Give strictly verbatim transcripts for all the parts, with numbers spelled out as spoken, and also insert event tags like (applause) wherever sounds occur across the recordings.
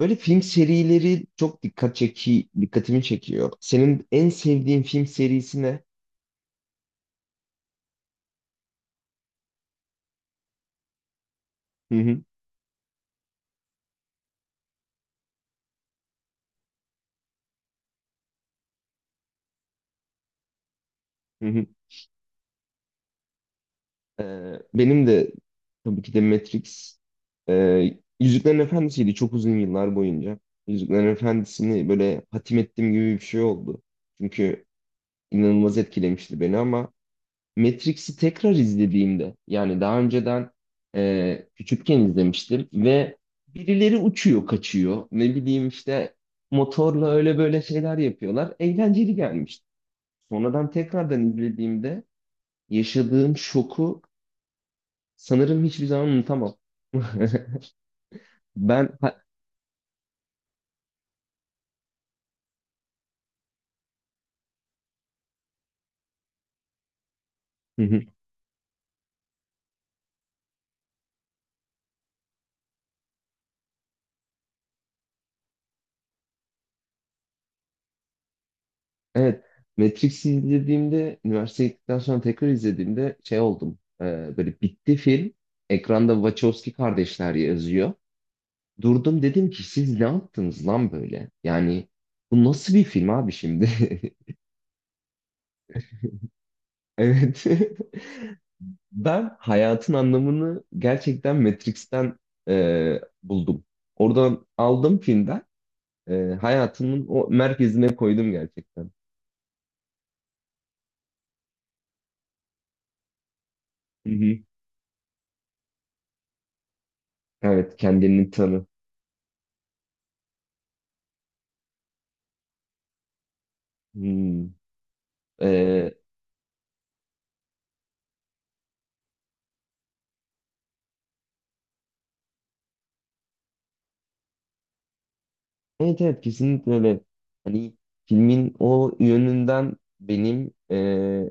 Böyle film serileri çok dikkat çeki, dikkatimi çekiyor. Senin en sevdiğin film serisi ne? Hı hı, hı hı. Ee, benim de tabii ki de Matrix. Ee, Yüzüklerin Efendisi'ydi çok uzun yıllar boyunca. Yüzüklerin Efendisi'ni böyle hatim ettiğim gibi bir şey oldu. Çünkü inanılmaz etkilemişti beni ama Matrix'i tekrar izlediğimde yani daha önceden e, küçükken izlemiştim ve birileri uçuyor, kaçıyor. Ne bileyim işte motorla öyle böyle şeyler yapıyorlar. Eğlenceli gelmişti. Sonradan tekrardan izlediğimde yaşadığım şoku sanırım hiçbir zaman unutamam. (laughs) Ben ha- Hı hı. Evet, Matrix'i izlediğimde üniversiteye gittikten sonra tekrar izlediğimde şey oldum. E, böyle bitti film. Ekranda Wachowski kardeşler yazıyor. Durdum dedim ki siz ne yaptınız lan böyle? Yani bu nasıl bir film abi şimdi? (laughs) Evet. (laughs) Ben hayatın anlamını gerçekten Matrix'ten e, buldum. Oradan aldım filmden. e, Hayatımın o merkezine koydum gerçekten. Hı hı. Evet, kendini tanı. Hmm. E, evet evet, kesinlikle öyle. Hani filmin o yönünden benim e,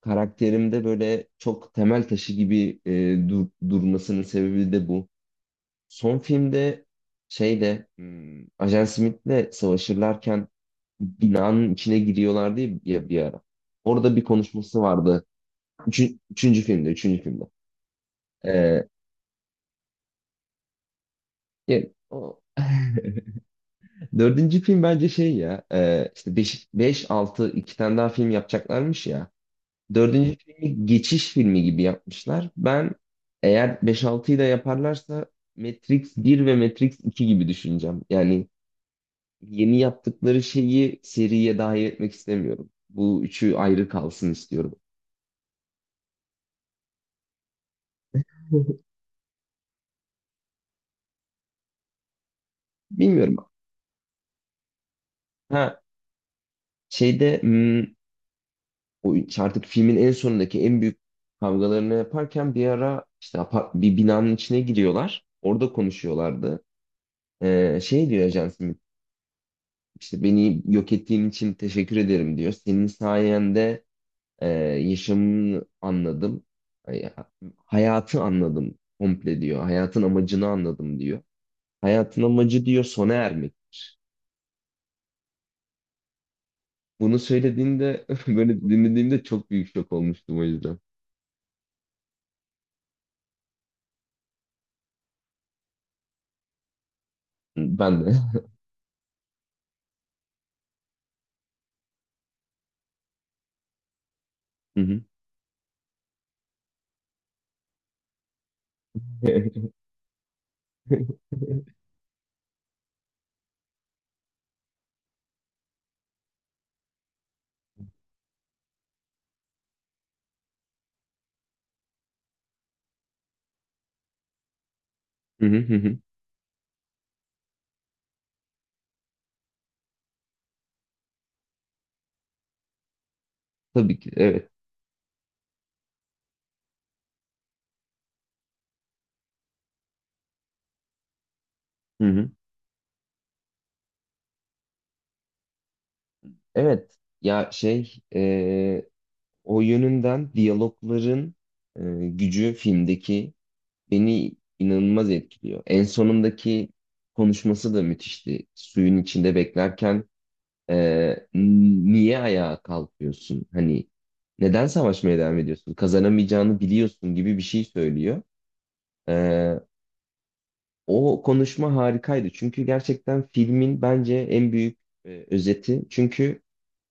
karakterimde böyle çok temel taşı gibi e, dur- durmasının sebebi de bu. Son filmde şeyde hmm, Ajan Smith'le savaşırlarken binanın içine giriyorlardı ya bir ara. Orada bir konuşması vardı. Üçü- üçüncü filmde, üçüncü filmde. Ee, ya- o- (laughs) dördüncü film bence şey ya e, işte beş 5, altı iki tane daha film yapacaklarmış ya. Dördüncü filmi geçiş filmi gibi yapmışlar. Ben eğer beş altıyı da yaparlarsa Matrix bir ve Matrix iki gibi düşüneceğim. Yani yeni yaptıkları şeyi seriye dahil etmek istemiyorum. Bu üçü ayrı kalsın istiyorum. (laughs) Bilmiyorum. Ha şeyde hmm, o üç- artık filmin en sonundaki en büyük kavgalarını yaparken bir ara işte apart- bir binanın içine giriyorlar. Orada konuşuyorlardı. Ee, şey diyor Ajan, İşte beni yok ettiğin için teşekkür ederim diyor. Senin sayende e, yaşamını anladım. Hay- Hayatı anladım komple diyor. Hayatın amacını anladım diyor. Hayatın amacı diyor sona ermek. Bunu söylediğinde (laughs) böyle dinlediğimde çok büyük şok olmuştum o yüzden. Ben de. (laughs) Hı hı. (laughs) Hı hı hı hı. Tabii ki evet. Hı hı. Evet ya şey e, o yönünden diyalogların e, gücü filmdeki beni inanılmaz etkiliyor. En sonundaki konuşması da müthişti. Suyun içinde beklerken e, n- niye ayağa kalkıyorsun? Hani neden savaşmaya devam ediyorsun? Kazanamayacağını biliyorsun gibi bir şey söylüyor. E, O konuşma harikaydı. Çünkü gerçekten filmin bence en büyük e, özeti. Çünkü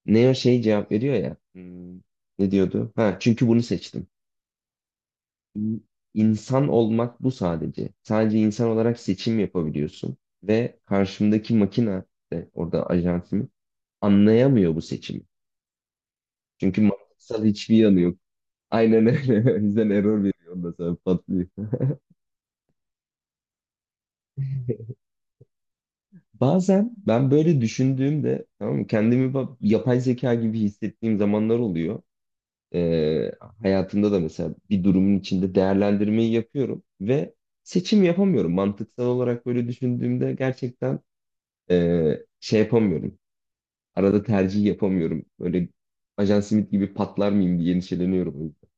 Neo şey cevap veriyor ya. hmm, Ne diyordu? Ha, çünkü bunu seçtim. İnsan olmak bu sadece. Sadece insan olarak seçim yapabiliyorsun ve karşımdaki makine de orada ajansım anlayamıyor bu seçimi. Çünkü mantıksal hiçbir yanı yok. Aynen öyle. (laughs) O yüzden error veriyor, ondan sonra patlıyor. Bazen ben böyle düşündüğümde tamam mı, kendimi ba- yapay zeka gibi hissettiğim zamanlar oluyor. Ee, Hayatımda da mesela bir durumun içinde değerlendirmeyi yapıyorum ve seçim yapamıyorum. Mantıksal olarak böyle düşündüğümde gerçekten Ee, şey yapamıyorum. Arada tercih yapamıyorum. Böyle Ajan Smith gibi patlar mıyım diye endişeleniyorum o yüzden.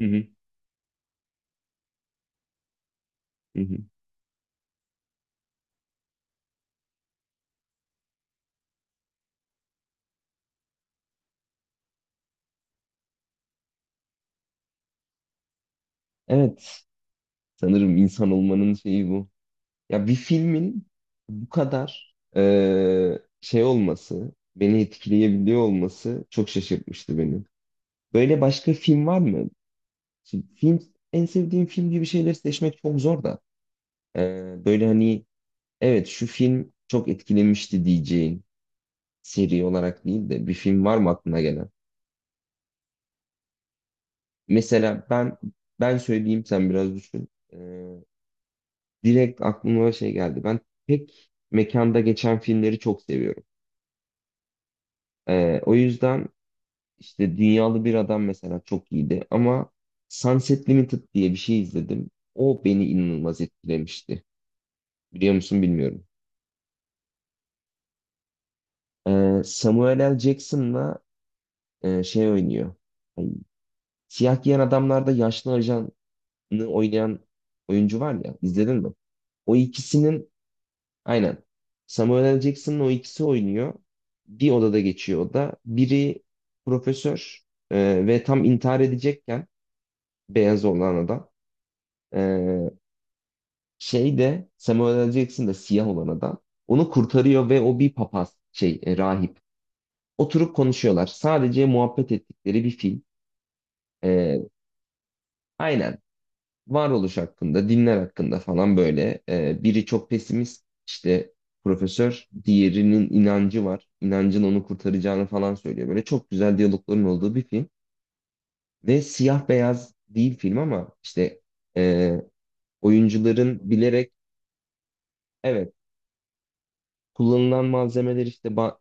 Hı hı, hı hı. Evet. Sanırım insan olmanın şeyi bu. Ya bir filmin bu kadar ee, şey olması, beni etkileyebiliyor olması çok şaşırtmıştı beni. Böyle başka film var mı? Şimdi film, en sevdiğim film gibi şeyleri seçmek çok zor da. Ee, böyle hani evet, şu film çok etkilemişti diyeceğin, seri olarak değil de bir film var mı aklına gelen? Mesela ben ben söyleyeyim sen biraz düşün. Ee, direkt aklıma şey geldi. Ben tek mekanda geçen filmleri çok seviyorum. Ee, o yüzden işte Dünyalı Bir Adam mesela çok iyiydi ama Sunset Limited diye bir şey izledim. O beni inanılmaz etkilemişti. Biliyor musun bilmiyorum. Ee, Samuel L. Jackson'la e, şey oynuyor. Ay, siyah giyen adamlarda yaşlı ajan oynayan oyuncu var ya izledin mi? O ikisinin, aynen, Samuel L. Jackson'ın, o ikisi oynuyor. Bir odada geçiyor o da. Biri profesör e, ve tam intihar edecekken beyaz olan adam, e, şey de Samuel L. Jackson da siyah olan adam onu kurtarıyor ve o bir papaz, şey e, rahip. Oturup konuşuyorlar. Sadece muhabbet ettikleri bir film. E, aynen, varoluş hakkında, dinler hakkında falan böyle. Ee, biri çok pesimist, işte profesör, diğerinin inancı var. İnancın onu kurtaracağını falan söylüyor. Böyle çok güzel diyalogların olduğu bir film. Ve siyah beyaz değil film ama işte e, oyuncuların bilerek, evet, kullanılan malzemeler işte ba-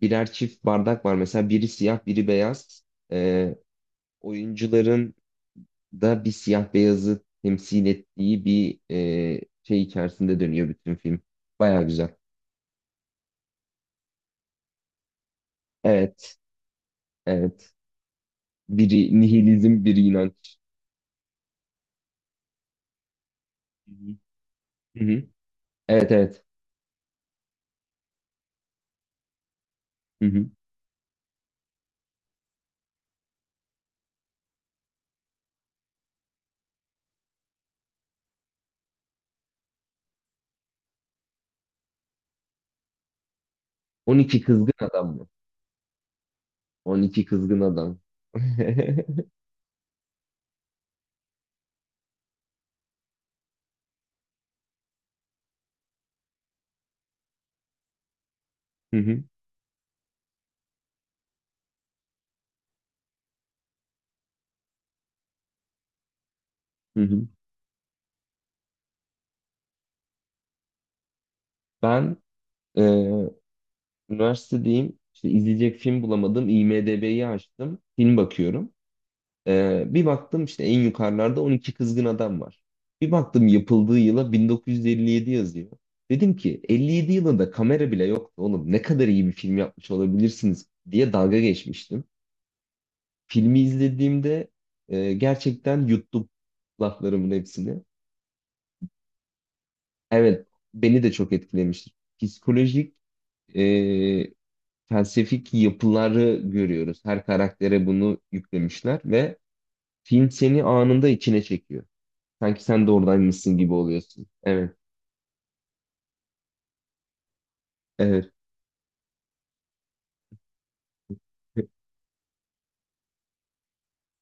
birer çift bardak var. Mesela biri siyah, biri beyaz. E, Oyuncuların da bir siyah beyazı temsil ettiği bir e, şey içerisinde dönüyor bütün film. Baya güzel. Evet, evet. Biri nihilizm, biri inanç. Hı hı. Hı hı. Evet, evet. Hı hı. on iki kızgın adam mı? on iki kızgın adam. (laughs) Hı hı, hı hı. Ben e, üniversitedeyim. İşte izleyecek film bulamadım. IMDb'yi açtım. Film bakıyorum. Ee, bir baktım işte en yukarılarda on iki kızgın adam var. Bir baktım yapıldığı yıla bin dokuz yüz elli yedi yazıyor. Dedim ki elli yedi yılında kamera bile yoktu oğlum. Ne kadar iyi bir film yapmış olabilirsiniz diye dalga geçmiştim. Filmi izlediğimde e, gerçekten yuttum laflarımın hepsini. Evet, beni de çok etkilemiştir. Psikolojik, e, felsefik yapıları görüyoruz. Her karaktere bunu yüklemişler ve film seni anında içine çekiyor. Sanki sen de oradaymışsın gibi oluyorsun. Evet. Evet.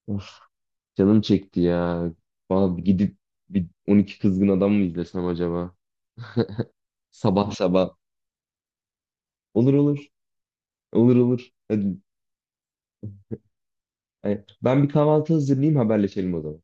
Of, canım çekti ya. Vallahi bir gidip bir on iki kızgın adam mı izlesem acaba? Sabah sabah. Olur olur. Olur olur. Hadi. Ay, ben bir kahvaltı hazırlayayım haberleşelim o zaman.